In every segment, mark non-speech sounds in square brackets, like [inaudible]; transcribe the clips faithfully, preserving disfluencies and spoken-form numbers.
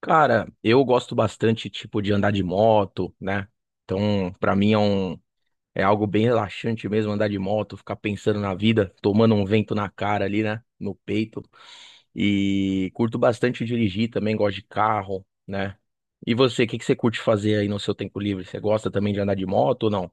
Cara, eu gosto bastante, tipo, de andar de moto, né? Então, pra mim é um, é algo bem relaxante mesmo andar de moto, ficar pensando na vida, tomando um vento na cara ali, né? No peito. E curto bastante dirigir também, gosto de carro, né? E você, o que que você curte fazer aí no seu tempo livre? Você gosta também de andar de moto ou não?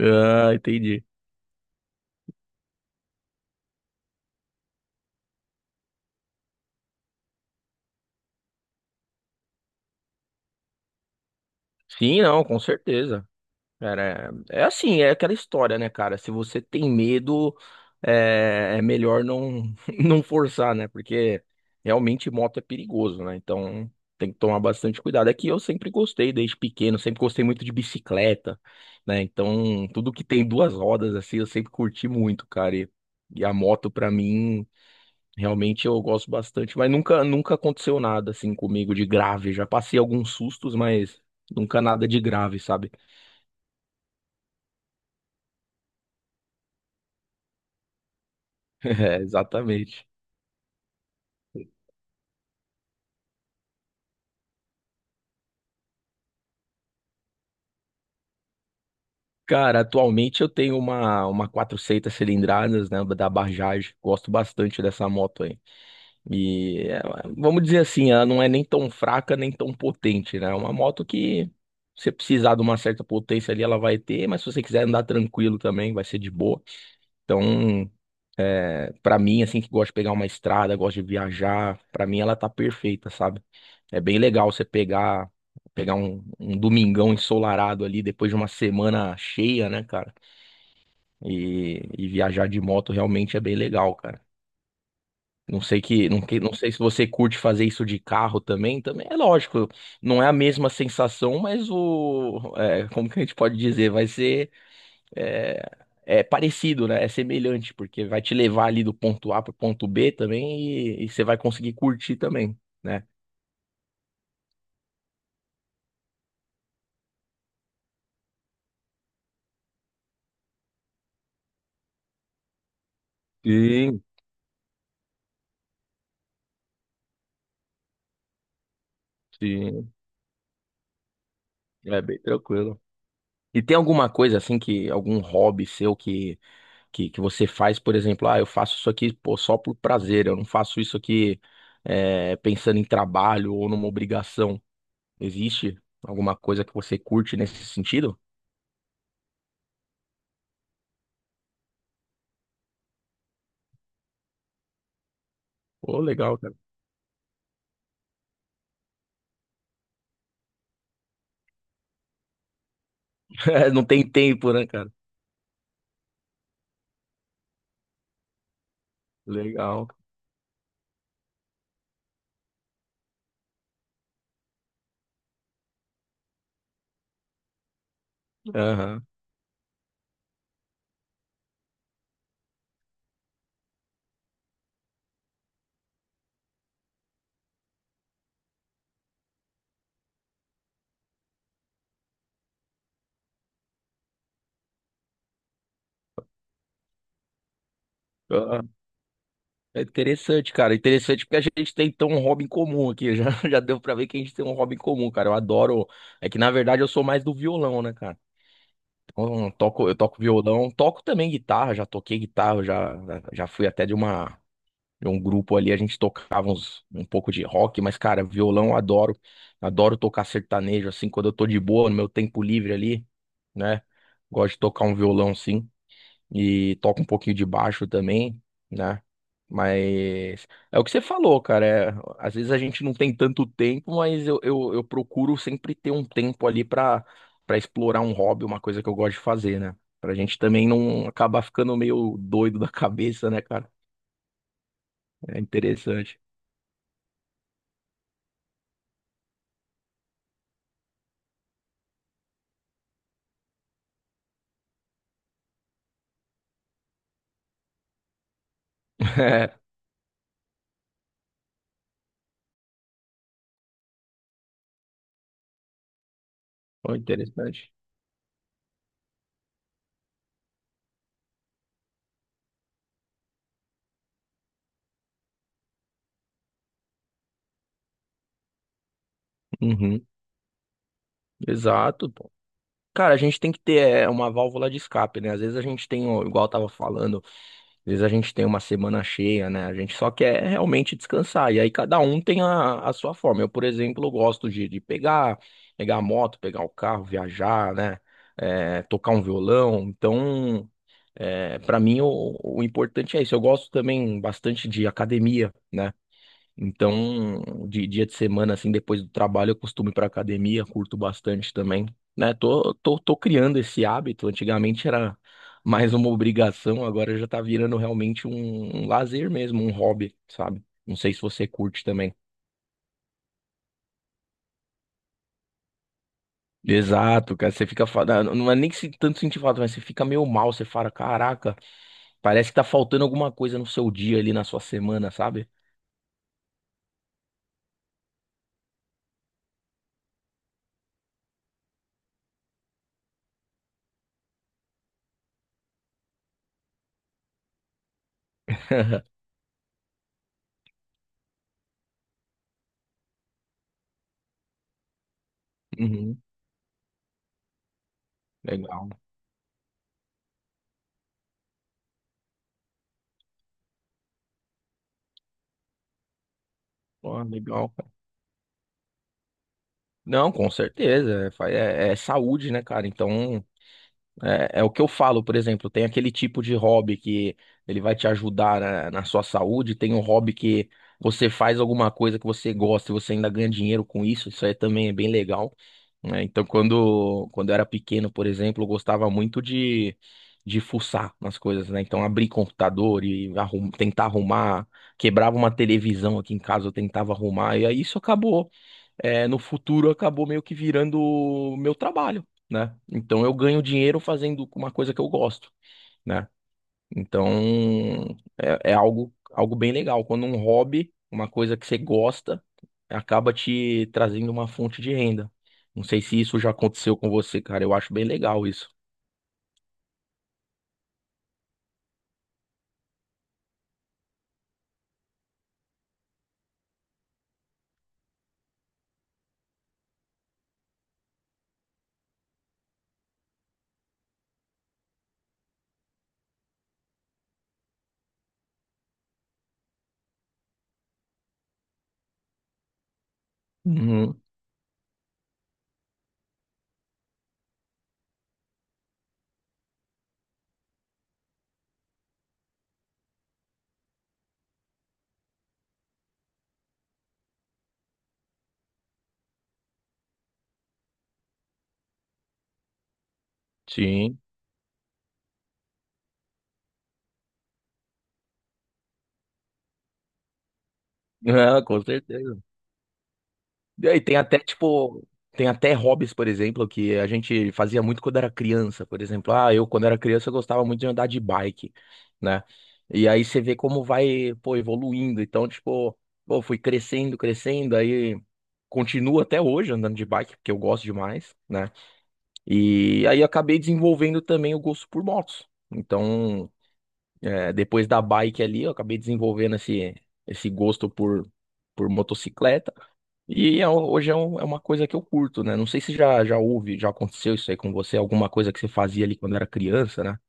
Ah, entendi. Sim, não, com certeza. Cara, é é assim, é aquela história, né, cara? Se você tem medo, é, é melhor não, [laughs] não forçar, né? Porque realmente moto é perigoso, né? Então tem que tomar bastante cuidado. É que eu sempre gostei, desde pequeno, sempre gostei muito de bicicleta, né? Então tudo que tem duas rodas, assim, eu sempre curti muito, cara. E, e a moto, pra mim, realmente eu gosto bastante. Mas nunca, nunca aconteceu nada, assim, comigo de grave. Já passei alguns sustos, mas nunca nada de grave, sabe? [laughs] É, exatamente. Cara, atualmente eu tenho uma, uma quatrocentas cilindradas, né, da Bajaj. Gosto bastante dessa moto aí. E é, vamos dizer assim, ela não é nem tão fraca, nem tão potente, né? É uma moto que se você precisar de uma certa potência ali, ela vai ter, mas se você quiser andar tranquilo também, vai ser de boa. Então, é, para mim, assim, que gosta de pegar uma estrada, gosta de viajar, pra mim ela tá perfeita, sabe? É bem legal você pegar, pegar um, um domingão ensolarado ali depois de uma semana cheia, né, cara? E, e viajar de moto realmente é bem legal, cara. Não sei que, não, que- Não sei se você curte fazer isso de carro também, também é lógico, não é a mesma sensação, mas o, é, como que a gente pode dizer, vai ser é, é parecido, né? É semelhante, porque vai te levar ali do ponto á para o ponto bê também e, e você vai conseguir curtir também, né? Sim, sim, é bem tranquilo. E tem alguma coisa assim que, algum hobby seu que, que, que você faz, por exemplo, ah, eu faço isso aqui, pô, só por prazer, eu não faço isso aqui é, pensando em trabalho ou numa obrigação. Existe alguma coisa que você curte nesse sentido? Pô, legal, cara. [laughs] Não tem tempo, né, cara? Legal. Aham. É interessante, cara. Interessante porque a gente tem então um hobby em comum aqui. Já, [laughs] já deu pra ver que a gente tem um hobby em comum, cara. Eu adoro. É que na verdade eu sou mais do violão, né, cara? Então, eu toco, eu toco violão, toco também guitarra, já toquei guitarra, já, já fui até de uma de um grupo ali, a gente tocava uns, um pouco de rock, mas, cara, violão eu adoro. Adoro tocar sertanejo, assim, quando eu tô de boa, no meu tempo livre ali, né? Gosto de tocar um violão, sim e toco um pouquinho de baixo também, né? Mas é o que você falou, cara. é, às vezes a gente não tem tanto tempo, mas eu, eu, eu procuro sempre ter um tempo ali pra para explorar um hobby, uma coisa que eu gosto de fazer, né? Pra gente também não acabar ficando meio doido [laughs] da cabeça, né, cara? É interessante. [laughs] É, foi interessante. Uhum, exato, pô. Cara, a gente tem que ter é, uma válvula de escape, né? Às vezes a gente tem, ó, igual eu tava falando. Às vezes a gente tem uma semana cheia, né? A gente só quer realmente descansar. E aí cada um tem a, a sua forma. Eu, por exemplo, gosto de, de pegar, pegar a moto, pegar o carro, viajar, né? É, tocar um violão. Então, é, para mim, o, o importante é isso. Eu gosto também bastante de academia, né? Então, de dia de semana, assim, depois do trabalho, eu costumo ir pra academia, curto bastante também, né? Tô, tô, tô criando esse hábito. Antigamente era mais uma obrigação, agora já tá virando realmente um, um lazer mesmo, um hobby, sabe? Não sei se você curte também. Exato, cara, você fica, fa- não não é nem que se tanto sentir falta, mas você fica meio mal, você fala, caraca, parece que tá faltando alguma coisa no seu dia ali, na sua semana, sabe? [laughs] Uhum, legal. Ó, legal. Não, com certeza. É, fa- é- é saúde, né, cara? Então, é, é o que eu falo, por exemplo, tem aquele tipo de hobby que ele vai te ajudar na, na sua saúde, tem um hobby que você faz alguma coisa que você gosta e você ainda ganha dinheiro com isso, isso aí também é bem legal, né? Então, quando, quando eu era pequeno, por exemplo, eu gostava muito de, de fuçar nas coisas, né? Então, abrir computador e arrum, tentar arrumar, quebrava uma televisão aqui em casa, eu tentava arrumar, e aí isso acabou é, no futuro acabou meio que virando o meu trabalho, né? Então eu ganho dinheiro fazendo uma coisa que eu gosto, né? Então é, é algo, algo bem legal. Quando um hobby, uma coisa que você gosta, acaba te trazendo uma fonte de renda. Não sei se isso já aconteceu com você, cara. Eu acho bem legal isso. Uhum, sim. [laughs] Ah, com certeza. E aí tem até, tipo, tem até hobbies, por exemplo, que a gente fazia muito quando era criança. Por exemplo, ah, eu quando era criança eu gostava muito de andar de bike, né? E aí você vê como vai, pô, evoluindo. Então, tipo, pô, fui crescendo, crescendo, aí continuo até hoje andando de bike, porque eu gosto demais, né? E aí acabei desenvolvendo também o gosto por motos. Então, é, depois da bike ali, eu acabei desenvolvendo esse, esse gosto por, por motocicleta. E é um- hoje é, um- é uma coisa que eu curto, né? Não sei se já, já houve, já aconteceu isso aí com você, alguma coisa que você fazia ali quando era criança, né?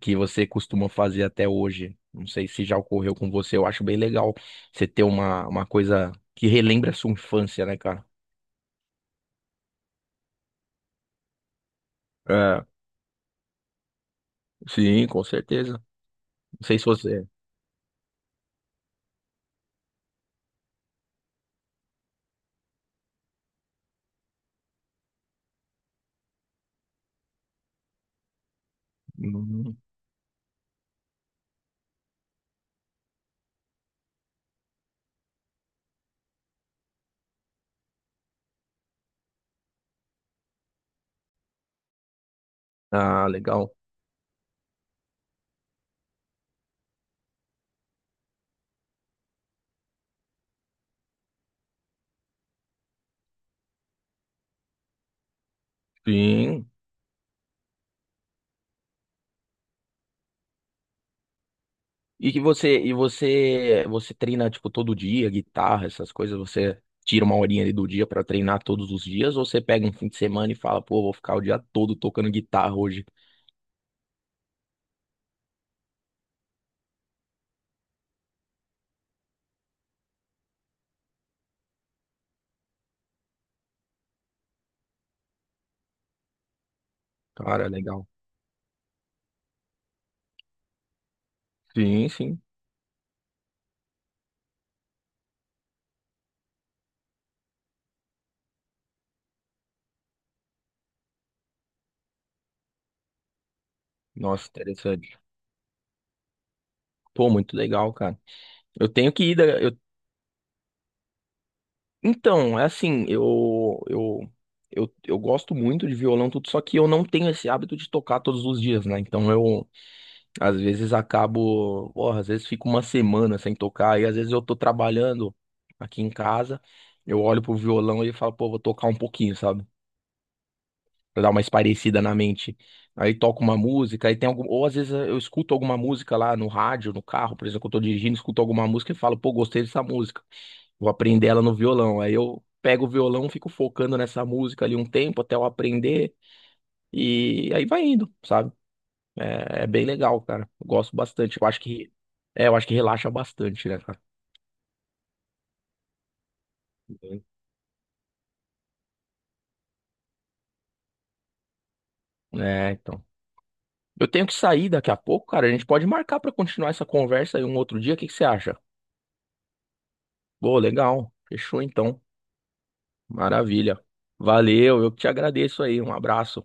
Que você costuma fazer até hoje. Não sei se já ocorreu com você. Eu acho bem legal você ter uma, uma coisa que relembra a sua infância, né, cara? É, sim, com certeza. Não sei se você. Hum, Ah, legal. Sim. E que você e você você treina tipo todo dia, guitarra, essas coisas, você tira uma horinha ali do dia pra treinar todos os dias ou você pega um fim de semana e fala, pô, vou ficar o dia todo tocando guitarra hoje. Cara, legal. Sim, sim. Nossa, interessante. Pô, muito legal, cara. Eu tenho que ir da... eu... Então, é assim, eu, eu eu eu gosto muito de violão tudo, só que eu não tenho esse hábito de tocar todos os dias, né? Então eu às vezes acabo, porra, às vezes fico uma semana sem tocar, e às vezes eu tô trabalhando aqui em casa, eu olho pro violão e falo, pô, vou tocar um pouquinho, sabe? Pra dar uma espairecida na mente. Aí toco uma música, aí tem algum... ou às vezes eu escuto alguma música lá no rádio, no carro, por exemplo, eu tô dirigindo, escuto alguma música e falo, pô, gostei dessa música, vou aprender ela no violão. Aí eu pego o violão, fico focando nessa música ali um tempo até eu aprender, e aí vai indo, sabe? É, é bem legal, cara. Eu gosto bastante. Eu acho que, é, eu acho que relaxa bastante, né, cara? Uhum. É, então. Eu tenho que sair daqui a pouco, cara. A gente pode marcar pra continuar essa conversa aí um outro dia. O que que você acha? Pô, legal. Fechou então. Maravilha. Valeu, eu que te agradeço aí. Um abraço.